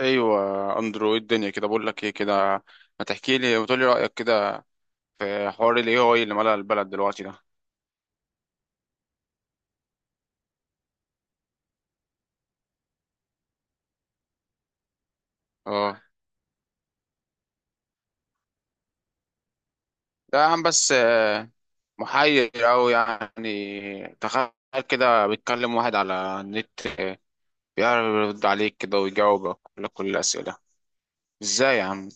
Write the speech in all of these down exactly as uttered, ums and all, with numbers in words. ايوه اندرويد الدنيا كده. بقول لك ايه كده، ما تحكي لي وتقول لي رايك كده، في حوار الاي اي اللي ملأ البلد دلوقتي ده. اه. ده يا عم بس آه، محير أوي يعني. تخيل كده بيتكلم واحد على النت آه، بيعرف يرد عليك كده ويجاوبك كل كل الأسئلة. ازاي يا عم؟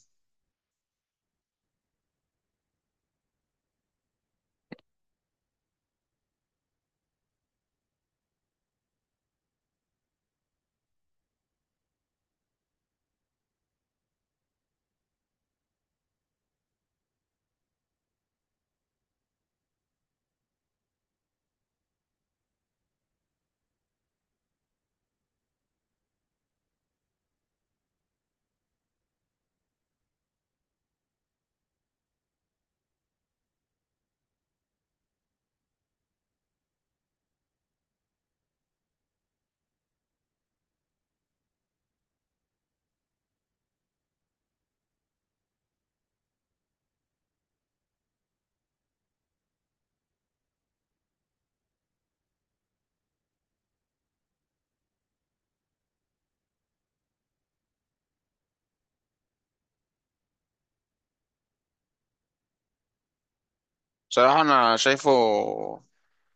بصراحة أنا شايفه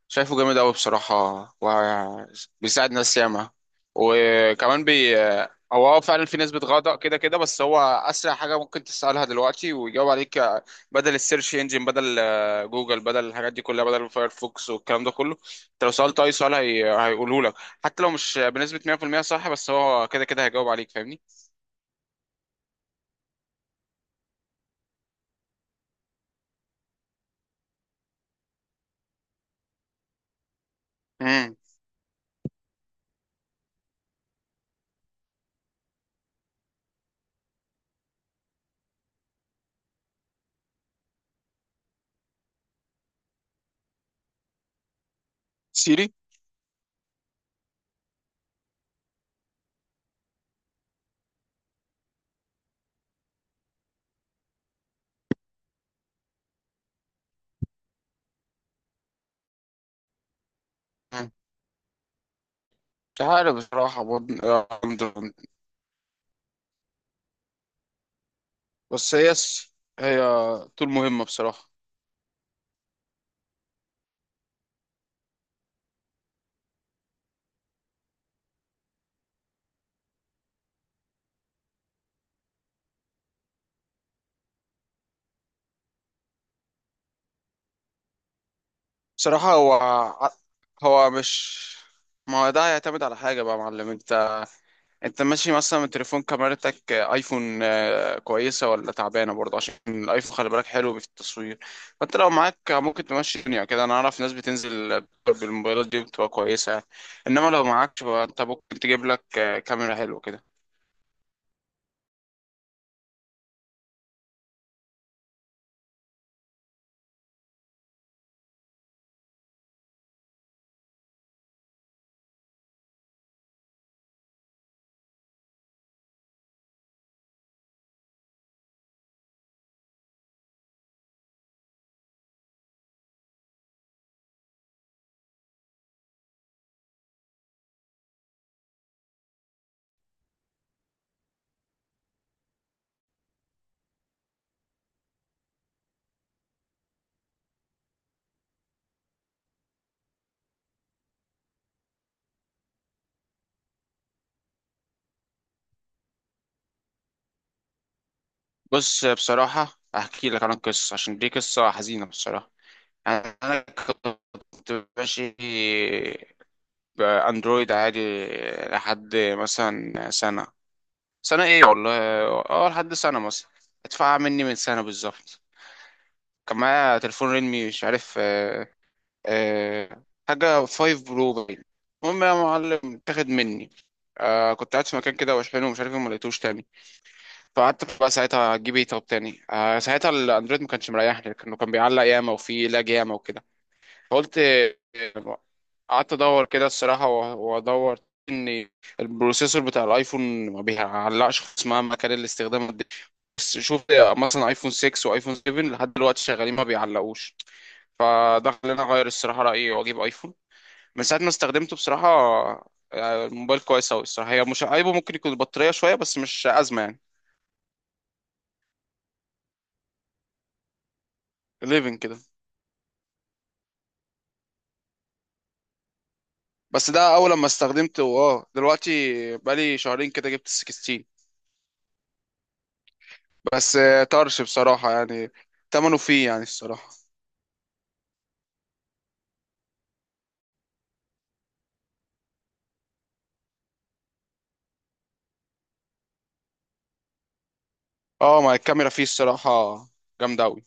شايفه جامد أوي بصراحة، وبيساعد ناس ياما. وكمان بي هو اه فعلا في نسبة غضب كده كده، بس هو أسرع حاجة ممكن تسألها دلوقتي ويجاوب عليك. آه، بدل السيرش انجن، بدل آه، جوجل، بدل الحاجات دي كلها، بدل فايرفوكس والكلام ده كله. انت لو سألت أي سؤال هي... هيقوله لك، حتى لو مش بنسبة مية في المية صح، بس هو كده كده هيجاوب عليك، فاهمني؟ امم. سيري؟ مم. مش عارف بصراحة برضه آه، بس هي هي طول مهمة بصراحة. بصراحة هو ع- هو مش ما هو ده هيعتمد على حاجة بقى يا معلم. انت انت ماشي مثلا من تليفون، كاميرتك آه، ايفون آه، كويسة ولا تعبانة؟ برضه عشان الايفون خلي بالك حلو في التصوير. فانت لو معاك ممكن تمشي الدنيا كده. انا اعرف ناس بتنزل بالموبايلات دي بتبقى كويسة يعني. انما لو معاكش بقى انت ممكن تجيب لك آه، كاميرا حلوة كده. بص، آه، بصراحة هحكي لك عن القصة عشان دي قصة حزينة بصراحة. انا كنت ماشي باندرويد عادي لحد مثلا سنه. سنه ايه والله؟ اه لحد سنه مثلا. ادفع مني من سنه بالظبط. كان معايا تليفون ريلمي، مش عارف آه آه حاجه فايف برو باين. المهم يا معلم اتاخد مني. آه كنت قاعد في مكان كده واشحنه ومش عارف ايه، ما لقيتوش تاني. فقعدت بقى ساعتها اجيب ايه طب تاني. آه ساعتها الاندرويد ما كانش مريحني، لانه كان بيعلق ياما وفيه لاج ياما وكده. قلت قعدت ادور كده الصراحه وأ- وادور ان البروسيسور بتاع الايفون ما بيعلقش خالص مهما كان الاستخدام قد إيه. بس شوف مثلا ايفون سيكس وايفون سبعة لحد دلوقتي شغالين ما بيعلقوش. فده خلاني اغير الصراحه رايي واجيب ايفون. من ساعه ما استخدمته بصراحه، آه، الموبايل كويس اوي الصراحه. هي مش عيبه، ممكن يكون البطاريه شويه بس مش ازمه يعني. اليفن كده. بس ده اول لما استخدمته. اه دلوقتي بقالي شهرين كده، جبت ال سكستين. بس آه، طرش بصراحة يعني. تمنه فيه يعني الصراحة. اه، ما الكاميرا فيه الصراحة جامدة أوي.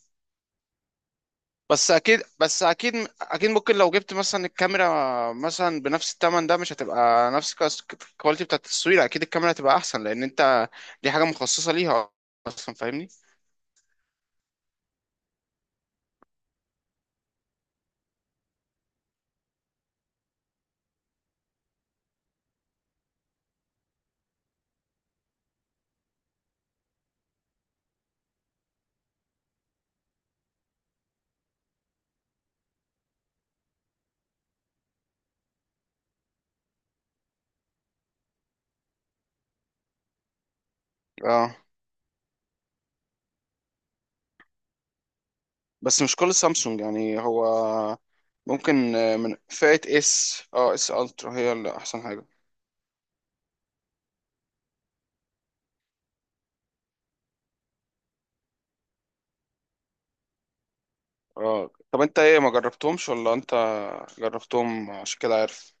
بس أكيد، بس أكيد، أكيد ممكن لو جبت مثلا الكاميرا مثلا بنفس التمن، ده مش هتبقى نفس الكواليتي بتاعت التصوير. أكيد الكاميرا هتبقى أحسن، لأن أنت دي حاجة مخصصة ليها أصلا، فاهمني؟ اه، بس مش كل سامسونج يعني. هو ممكن آه، من فئة اس، اه اس الترا هي اللي أحسن حاجة. اه طب أنت إيه؟ ما جربتهمش ولا أنت جربتهم عشان كده عارف؟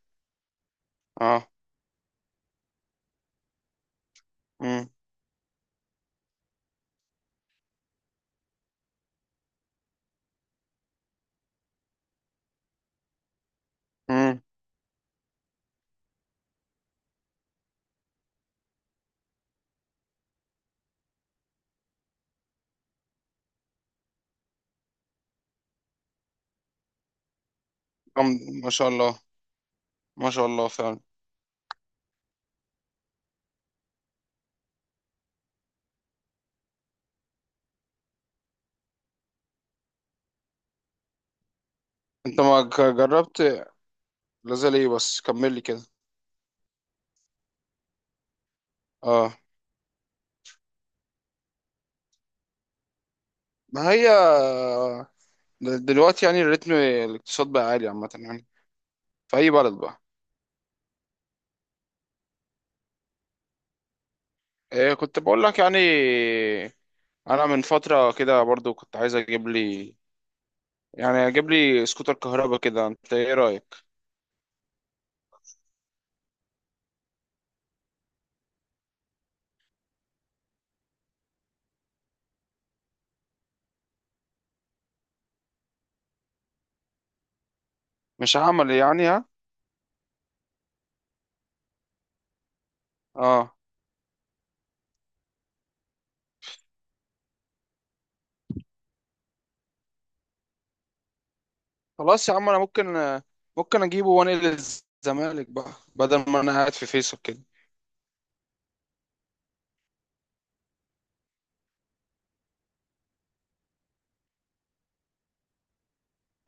اه. امم. امم. أم- ما شاء الله. ما شاء الله فعلا. انت ما ج- جربت؟ لازال ايه؟ بس كمل لي كده. اه. ما هي د- دلوقتي يعني الريتم الاقتصاد بقى عالي عامة يعني، في اي بلد بقى. إيه، كنت بقول لك يعني انا من فترة كده برضو كنت عايز اجيب لي، يعني اجيب لي سكوتر كهرباء كده. انت ايه رأيك؟ مش هعمل يعني، ها؟ اه. خلاص يا عم انا ممكن ممكن اجيبه وانقل الزمالك بقى بدل ما انا قاعد في فيصل.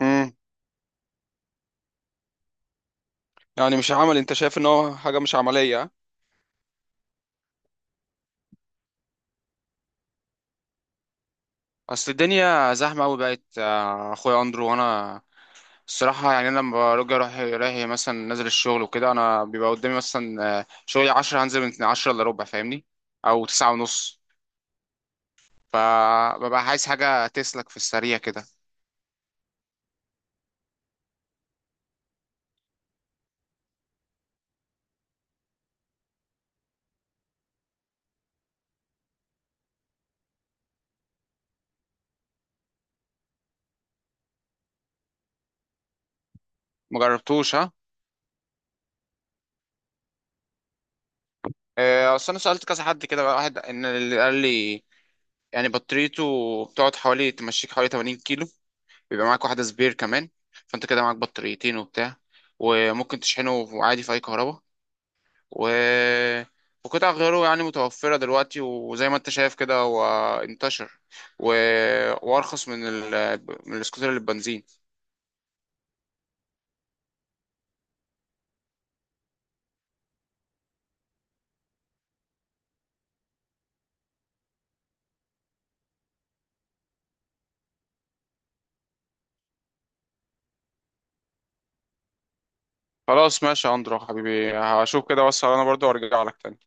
كده يعني مش عمل، انت شايف ان هو حاجه مش عمليه ها؟ اصل الدنيا زحمه قوي بقت آه، اخويا اندرو. وانا الصراحه يعني، انا لما برجع رايح رايح مثلا، نازل الشغل وكده، انا بيبقى قدامي مثلا آه، شغلي عشرة، هنزل من عشرة الا ربع فاهمني، او تسعة ونص. فببقى عايز حاجه تسلك في السريع كده. ما جربتوش ها؟ آه، اصل انا سالت كذا حد كده بقى، واحد ان اللي قال لي يعني بطاريته بتقعد، حوالي تمشيك حوالي ثمانين كيلو. بيبقى معاك واحدة سبير كمان، فانت كده معاك بطاريتين وبتاع. وممكن تشحنه عادي في اي كهرباء. و وقطع غيره يعني متوفرة دلوقتي، وزي ما انت شايف كده هو انتشر، و... وارخص من ال... من السكوتر اللي بنزين. خلاص ماشي يا اندرو حبيبي، هشوف كده واسهر انا برضو وارجع لك تاني.